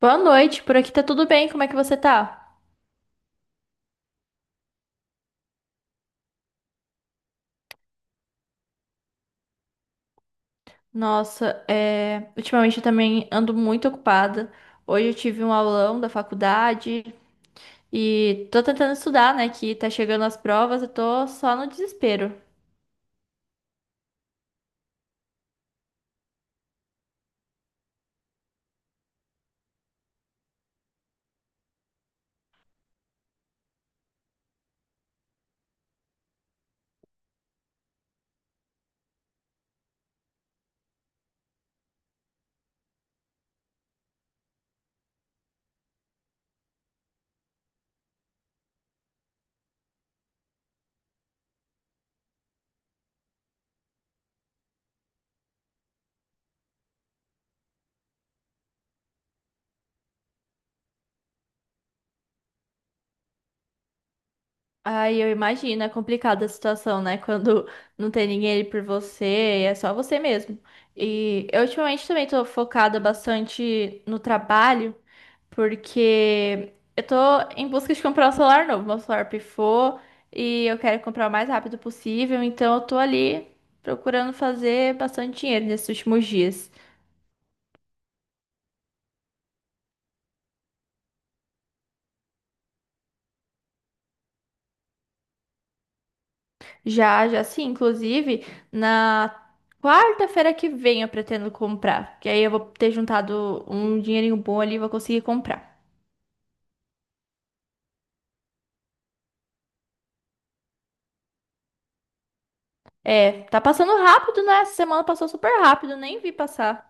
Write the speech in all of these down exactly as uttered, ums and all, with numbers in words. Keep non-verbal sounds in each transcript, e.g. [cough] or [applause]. Boa noite, por aqui tá tudo bem, como é que você tá? Nossa, é, ultimamente eu também ando muito ocupada. Hoje eu tive um aulão da faculdade e tô tentando estudar, né? Que tá chegando as provas, eu tô só no desespero. Ai, eu imagino, é complicada a situação, né? Quando não tem ninguém ali por você, é só você mesmo. E eu ultimamente também tô focada bastante no trabalho, porque eu tô em busca de comprar um celular novo. Meu celular pifou e eu quero comprar o mais rápido possível, então eu tô ali procurando fazer bastante dinheiro nesses últimos dias. Já, já sim. Inclusive, na quarta-feira que vem eu pretendo comprar. Que aí eu vou ter juntado um dinheirinho bom ali e vou conseguir comprar. É, tá passando rápido, né? Essa semana passou super rápido, nem vi passar.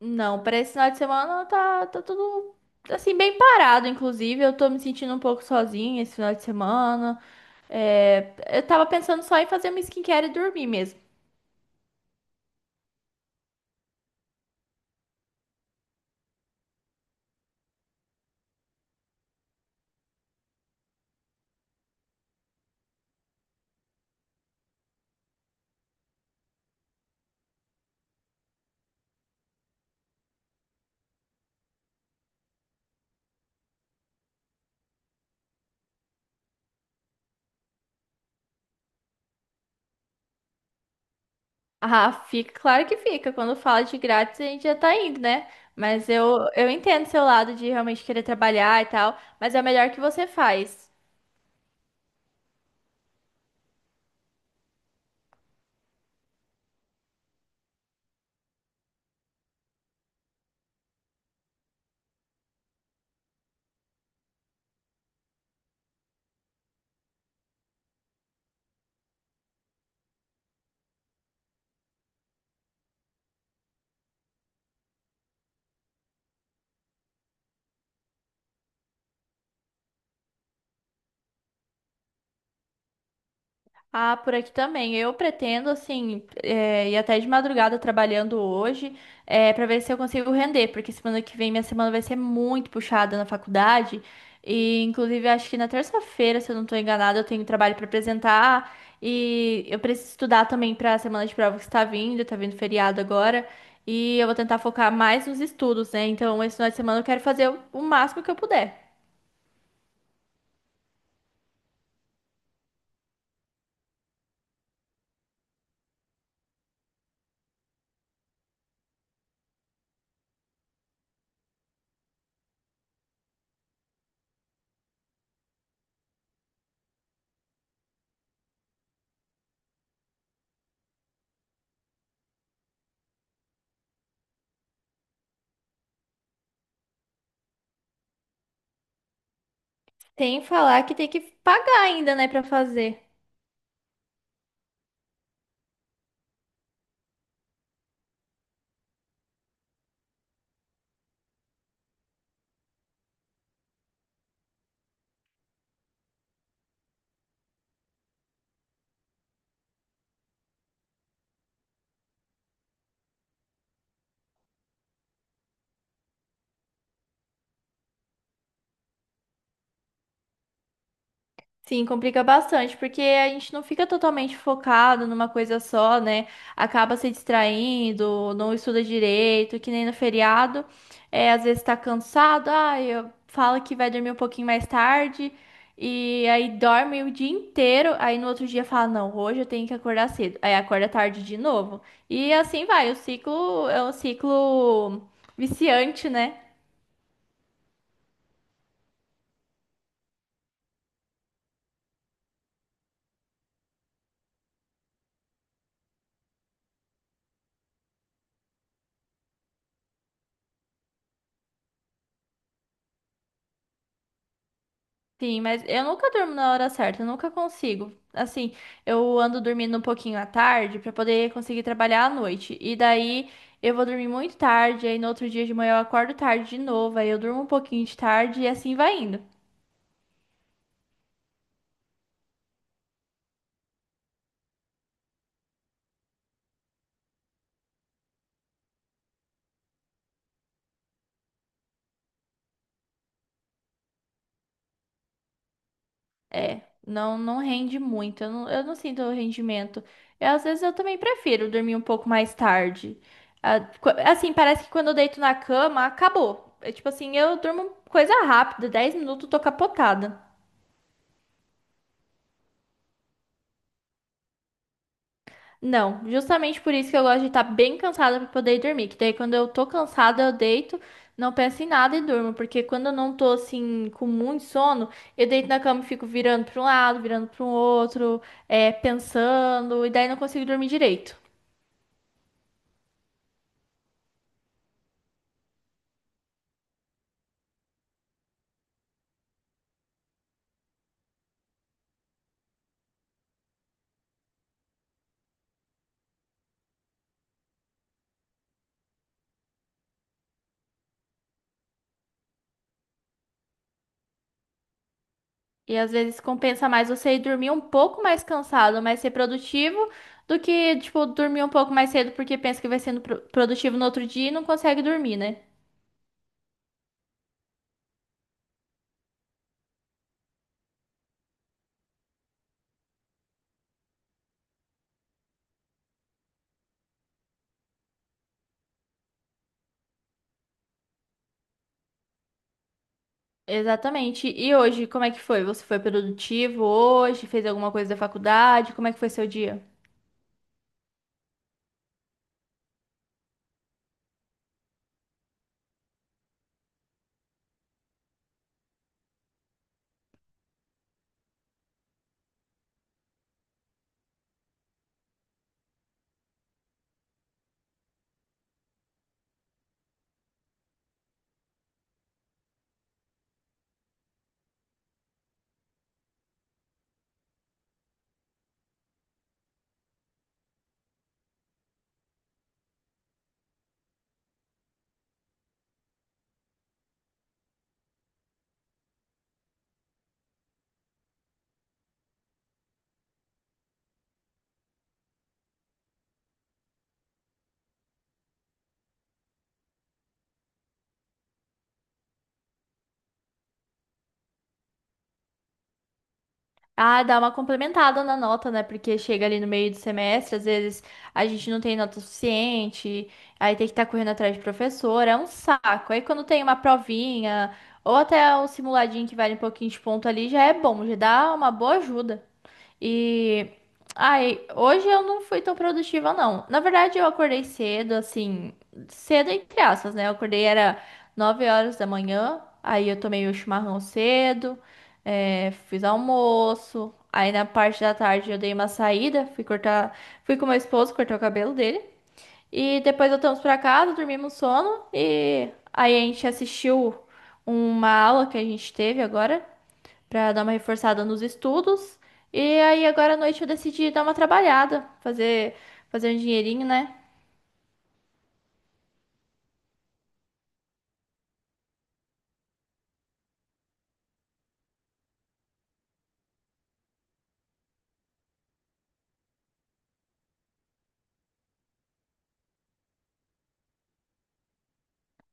Não, para esse final de semana tá, tá tudo assim, bem parado, inclusive. Eu tô me sentindo um pouco sozinha esse final de semana. É, eu tava pensando só em fazer uma skincare e dormir mesmo. Ah, fica, claro que fica. Quando fala de grátis, a gente já tá indo, né? Mas eu, eu entendo seu lado de realmente querer trabalhar e tal, mas é o melhor que você faz. Ah, por aqui também. Eu pretendo, assim, eh, ir até de madrugada trabalhando hoje, eh, pra ver se eu consigo render, porque semana que vem minha semana vai ser muito puxada na faculdade. E, inclusive, acho que na terça-feira, se eu não tô enganada, eu tenho trabalho pra apresentar. E eu preciso estudar também pra semana de prova que está vindo, tá vindo feriado agora. E eu vou tentar focar mais nos estudos, né? Então, esse final de semana eu quero fazer o o máximo que eu puder. Sem falar que tem que pagar ainda, né, pra fazer. Sim, complica bastante, porque a gente não fica totalmente focado numa coisa só, né? Acaba se distraindo, não estuda direito, que nem no feriado. É, às vezes tá cansado, ah, eu fala que vai dormir um pouquinho mais tarde, e aí dorme o dia inteiro, aí no outro dia fala, não, hoje eu tenho que acordar cedo. Aí acorda tarde de novo. E assim vai, o ciclo é um ciclo viciante, né? Sim, mas eu nunca durmo na hora certa, eu nunca consigo. Assim, eu ando dormindo um pouquinho à tarde pra poder conseguir trabalhar à noite. E daí eu vou dormir muito tarde, aí no outro dia de manhã eu acordo tarde de novo, aí eu durmo um pouquinho de tarde e assim vai indo. É, não não rende muito, eu não, eu não sinto rendimento. Eu, às vezes eu também prefiro dormir um pouco mais tarde. Ah, qu- Assim, parece que quando eu deito na cama, acabou. É tipo assim, eu durmo coisa rápida, dez minutos, tô capotada. Não, justamente por isso que eu gosto de estar bem cansada para poder dormir. Que daí quando eu tô cansada, eu deito, não penso em nada e durmo. Porque quando eu não tô assim com muito sono, eu deito na cama e fico virando para um lado, virando para o outro, é, pensando, e daí não consigo dormir direito. E às vezes compensa mais você ir dormir um pouco mais cansado, mas ser produtivo, do que, tipo, dormir um pouco mais cedo porque pensa que vai sendo pro- produtivo no outro dia e não consegue dormir, né? Exatamente. E hoje, como é que foi? Você foi produtivo hoje? Fez alguma coisa da faculdade? Como é que foi seu dia? Ah, dá uma complementada na nota, né? Porque chega ali no meio do semestre, às vezes a gente não tem nota suficiente, aí tem que estar correndo atrás de professor, é um saco. Aí quando tem uma provinha, ou até um simuladinho que vale um pouquinho de ponto ali, já é bom, já dá uma boa ajuda. E ai, hoje eu não fui tão produtiva, não. Na verdade, eu acordei cedo, assim, cedo entre aspas, né? Eu acordei era nove horas da manhã, aí eu tomei o chimarrão cedo. É, fiz almoço. Aí na parte da tarde eu dei uma saída, fui cortar, fui com meu esposo cortar o cabelo dele. E depois voltamos pra casa, dormimos sono e aí a gente assistiu uma aula que a gente teve agora pra dar uma reforçada nos estudos. E aí agora à noite eu decidi dar uma trabalhada, fazer fazer um dinheirinho, né?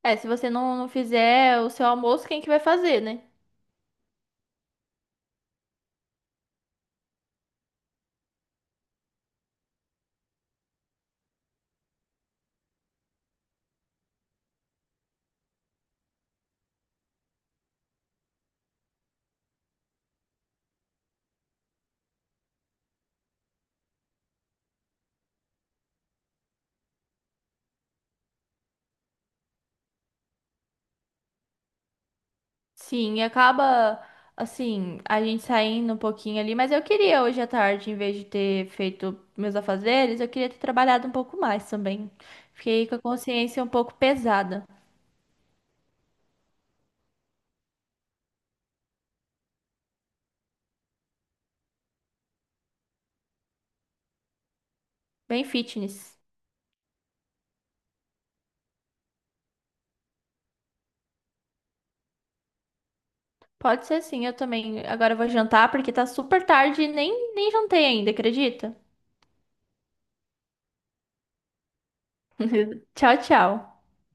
É, se você não, não fizer o seu almoço, quem que vai fazer, né? Sim, e acaba assim, a gente saindo um pouquinho ali, mas eu queria hoje à tarde, em vez de ter feito meus afazeres, eu queria ter trabalhado um pouco mais também. Fiquei com a consciência um pouco pesada. Bem fitness. Pode ser sim, eu também. Agora eu vou jantar porque tá super tarde e nem, nem jantei ainda, acredita? [laughs] Tchau, tchau.